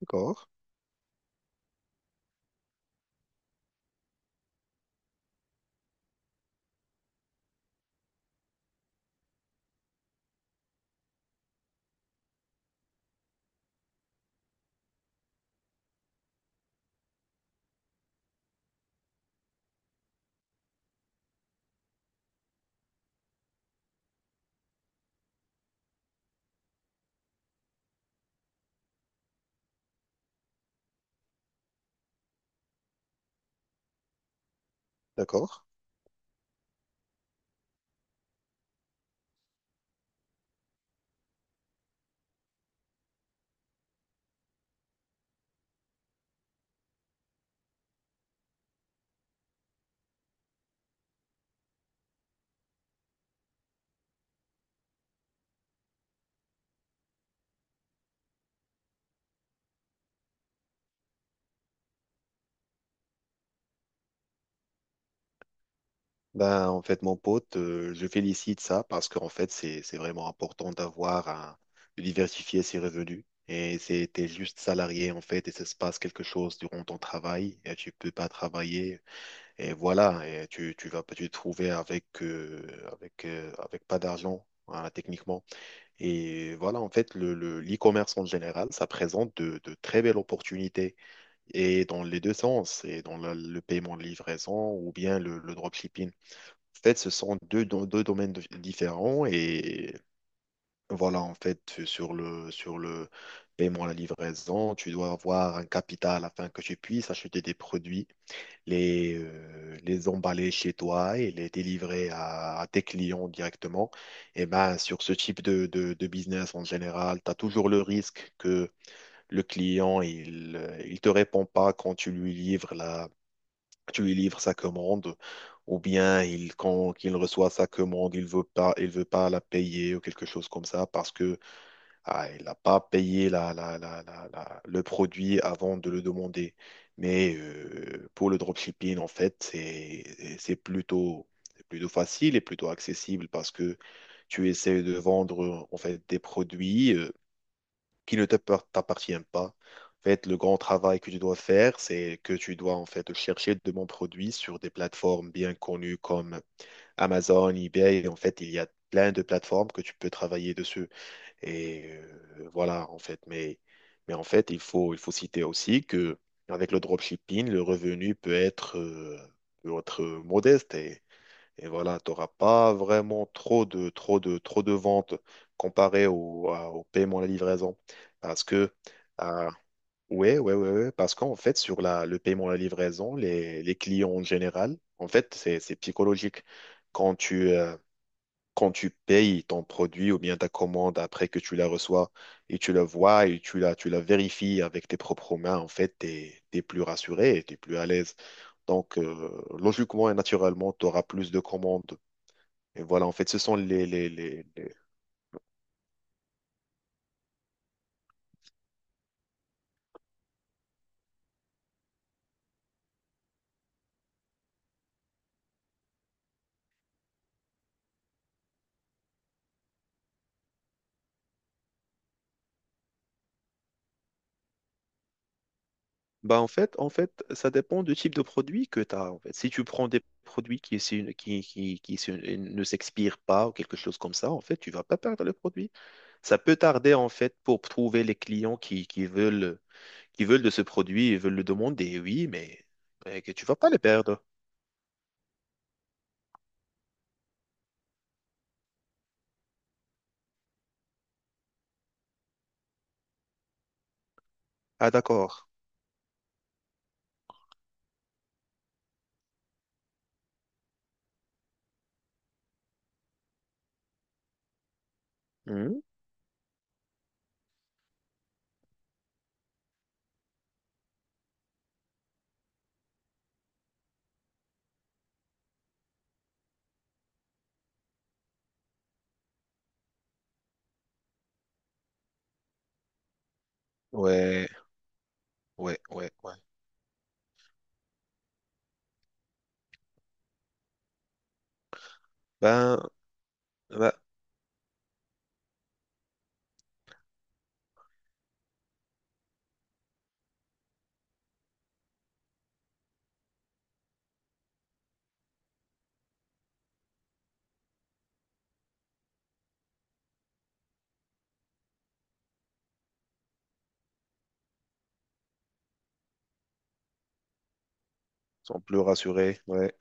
D'accord, d'accord. Ben, en fait, mon pote, je félicite ça parce qu'en fait, c'est vraiment important de diversifier ses revenus. Et c'est, t'es juste salarié, en fait, et ça se passe quelque chose durant ton travail, et tu peux pas travailler, et voilà, et tu vas pas te trouver avec pas d'argent, hein, techniquement. Et voilà, en fait, l'e-commerce en général, ça présente de très belles opportunités, et dans les deux sens, le paiement de livraison ou bien le dropshipping. En fait, ce sont deux domaines différents. Et voilà, en fait, sur sur le paiement à la livraison, tu dois avoir un capital afin que tu puisses acheter des produits, les emballer chez toi et les délivrer à tes clients directement. Et ben, sur ce type de, de business en général, tu as toujours le risque. Le client, il te répond pas quand tu lui livres tu lui livres sa commande, ou bien il, quand il reçoit sa commande, il veut pas la payer ou quelque chose comme ça parce que ah, il n'a pas payé le produit avant de le demander. Mais pour le dropshipping, en fait, c'est plutôt facile et plutôt accessible parce que tu essaies de vendre en fait des produits qui ne t'appar- t'appartient pas. En fait, le grand travail que tu dois faire, c'est que tu dois en fait chercher de bons produits sur des plateformes bien connues comme Amazon, eBay. Et en fait, il y a plein de plateformes que tu peux travailler dessus. Et voilà, en fait. Mais en fait, il faut citer aussi que avec le dropshipping, le revenu peut être modeste. Et voilà, tu n'auras pas vraiment trop de ventes comparé au, au paiement à la livraison. Parce que, euh, ouais, parce qu'en fait, sur le paiement à la livraison, les clients en général, en fait, c'est psychologique. Quand tu, euh, quand tu payes ton produit ou bien ta commande après que tu la reçois et tu la vois et tu la vérifies avec tes propres mains, en fait, tu es plus rassuré et tu es plus à l'aise. Donc, logiquement et naturellement, tu auras plus de commandes et voilà, en fait, ce sont les. Bah en fait, ça dépend du type de produit que tu as, en fait. Si tu prends des produits qui ne s'expirent pas ou quelque chose comme ça, en fait, tu vas pas perdre le produit. Ça peut tarder, en fait, pour trouver les clients qui veulent, qui veulent de ce produit et veulent le demander, oui, mais que tu vas pas le perdre. Ah, d'accord. Hmm. Ouais, ouais. Ben, ben, sont plus rassurés, ouais.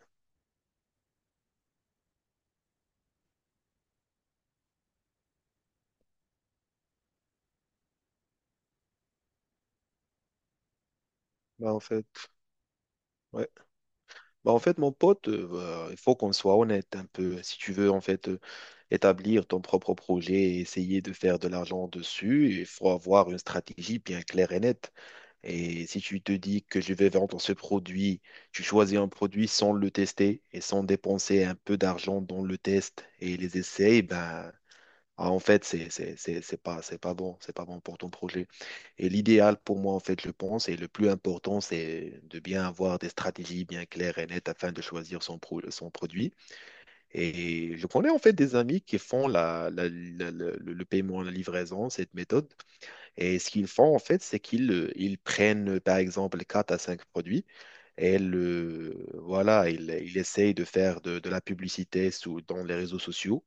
Ben, en fait, ouais. Ben, en fait, mon pote, il faut qu'on soit honnête un peu. Si tu veux, en fait, établir ton propre projet et essayer de faire de l'argent dessus, il faut avoir une stratégie bien claire et nette. Et si tu te dis que je vais vendre ce produit, tu choisis un produit sans le tester et sans dépenser un peu d'argent dans le test et les essais, ben, ah, en fait, c'est pas bon pour ton projet. Et l'idéal pour moi, en fait, je pense, et le plus important, c'est de bien avoir des stratégies bien claires et nettes afin de choisir son produit. Et je connais en fait des amis qui font le paiement à la livraison, cette méthode. Et ce qu'ils font, en fait, c'est qu'ils ils prennent, par exemple, 4 à 5 produits et voilà, ils essayent de faire de la publicité sous, dans les réseaux sociaux.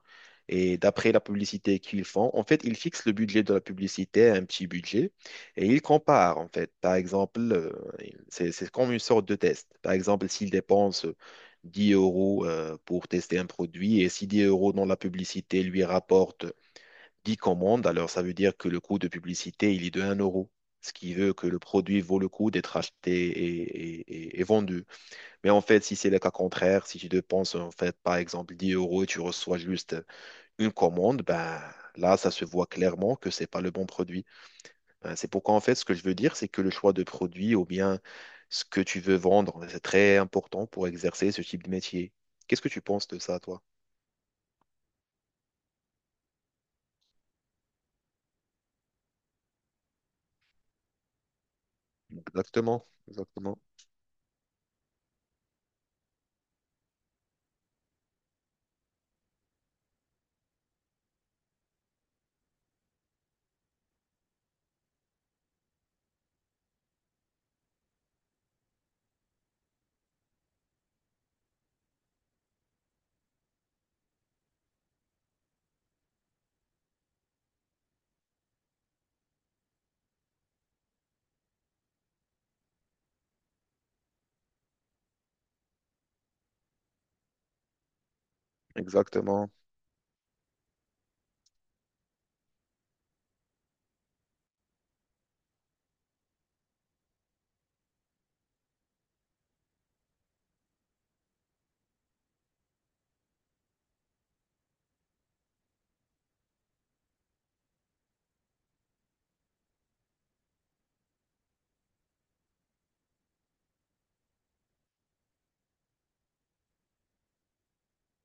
Et d'après la publicité qu'ils font, en fait, ils fixent le budget de la publicité à un petit budget et ils comparent, en fait. Par exemple, c'est comme une sorte de test. Par exemple, s'ils dépensent 10 € pour tester un produit et si 10 € dans la publicité lui rapporte 10 commandes, alors ça veut dire que le coût de publicité, il est de un euro, ce qui veut que le produit vaut le coup d'être acheté et, et vendu. Mais en fait, si c'est le cas contraire, si tu dépenses en fait, par exemple, 10 € et tu reçois juste une commande, ben là, ça se voit clairement que c'est pas le bon produit. Hein. C'est pourquoi, en fait, ce que je veux dire, c'est que le choix de produit ou bien ce que tu veux vendre, ben, c'est très important pour exercer ce type de métier. Qu'est-ce que tu penses de ça, toi? Exactement, exactement, exactement,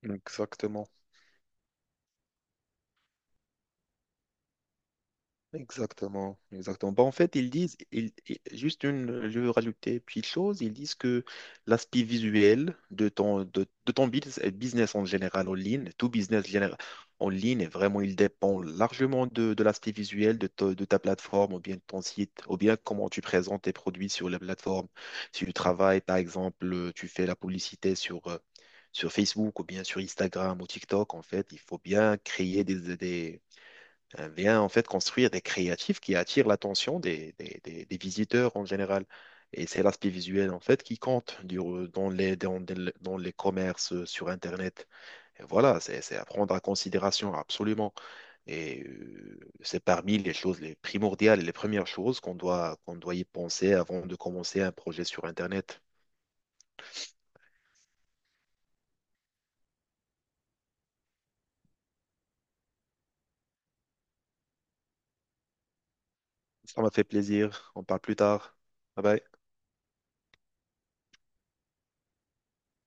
exactement. Exactement, exactement. Bah, en fait, ils disent, juste une, je veux rajouter une petite chose, ils disent que l'aspect visuel de ton business en général en ligne, tout business général en ligne, vraiment, il dépend largement de l'aspect visuel de ta plateforme ou bien de ton site, ou bien comment tu présentes tes produits sur la plateforme. Si tu travailles, par exemple, tu fais la publicité sur Facebook ou bien sur Instagram ou TikTok, en fait, il faut bien créer vient en fait construire des créatifs qui attirent l'attention des visiteurs en général. Et c'est l'aspect visuel en fait qui compte dans dans les commerces sur Internet. Et voilà, c'est à prendre en considération absolument. C'est parmi les choses les primordiales, les premières choses qu'on doit y penser avant de commencer un projet sur Internet. Ça m'a fait plaisir. On parle plus tard. Bye bye.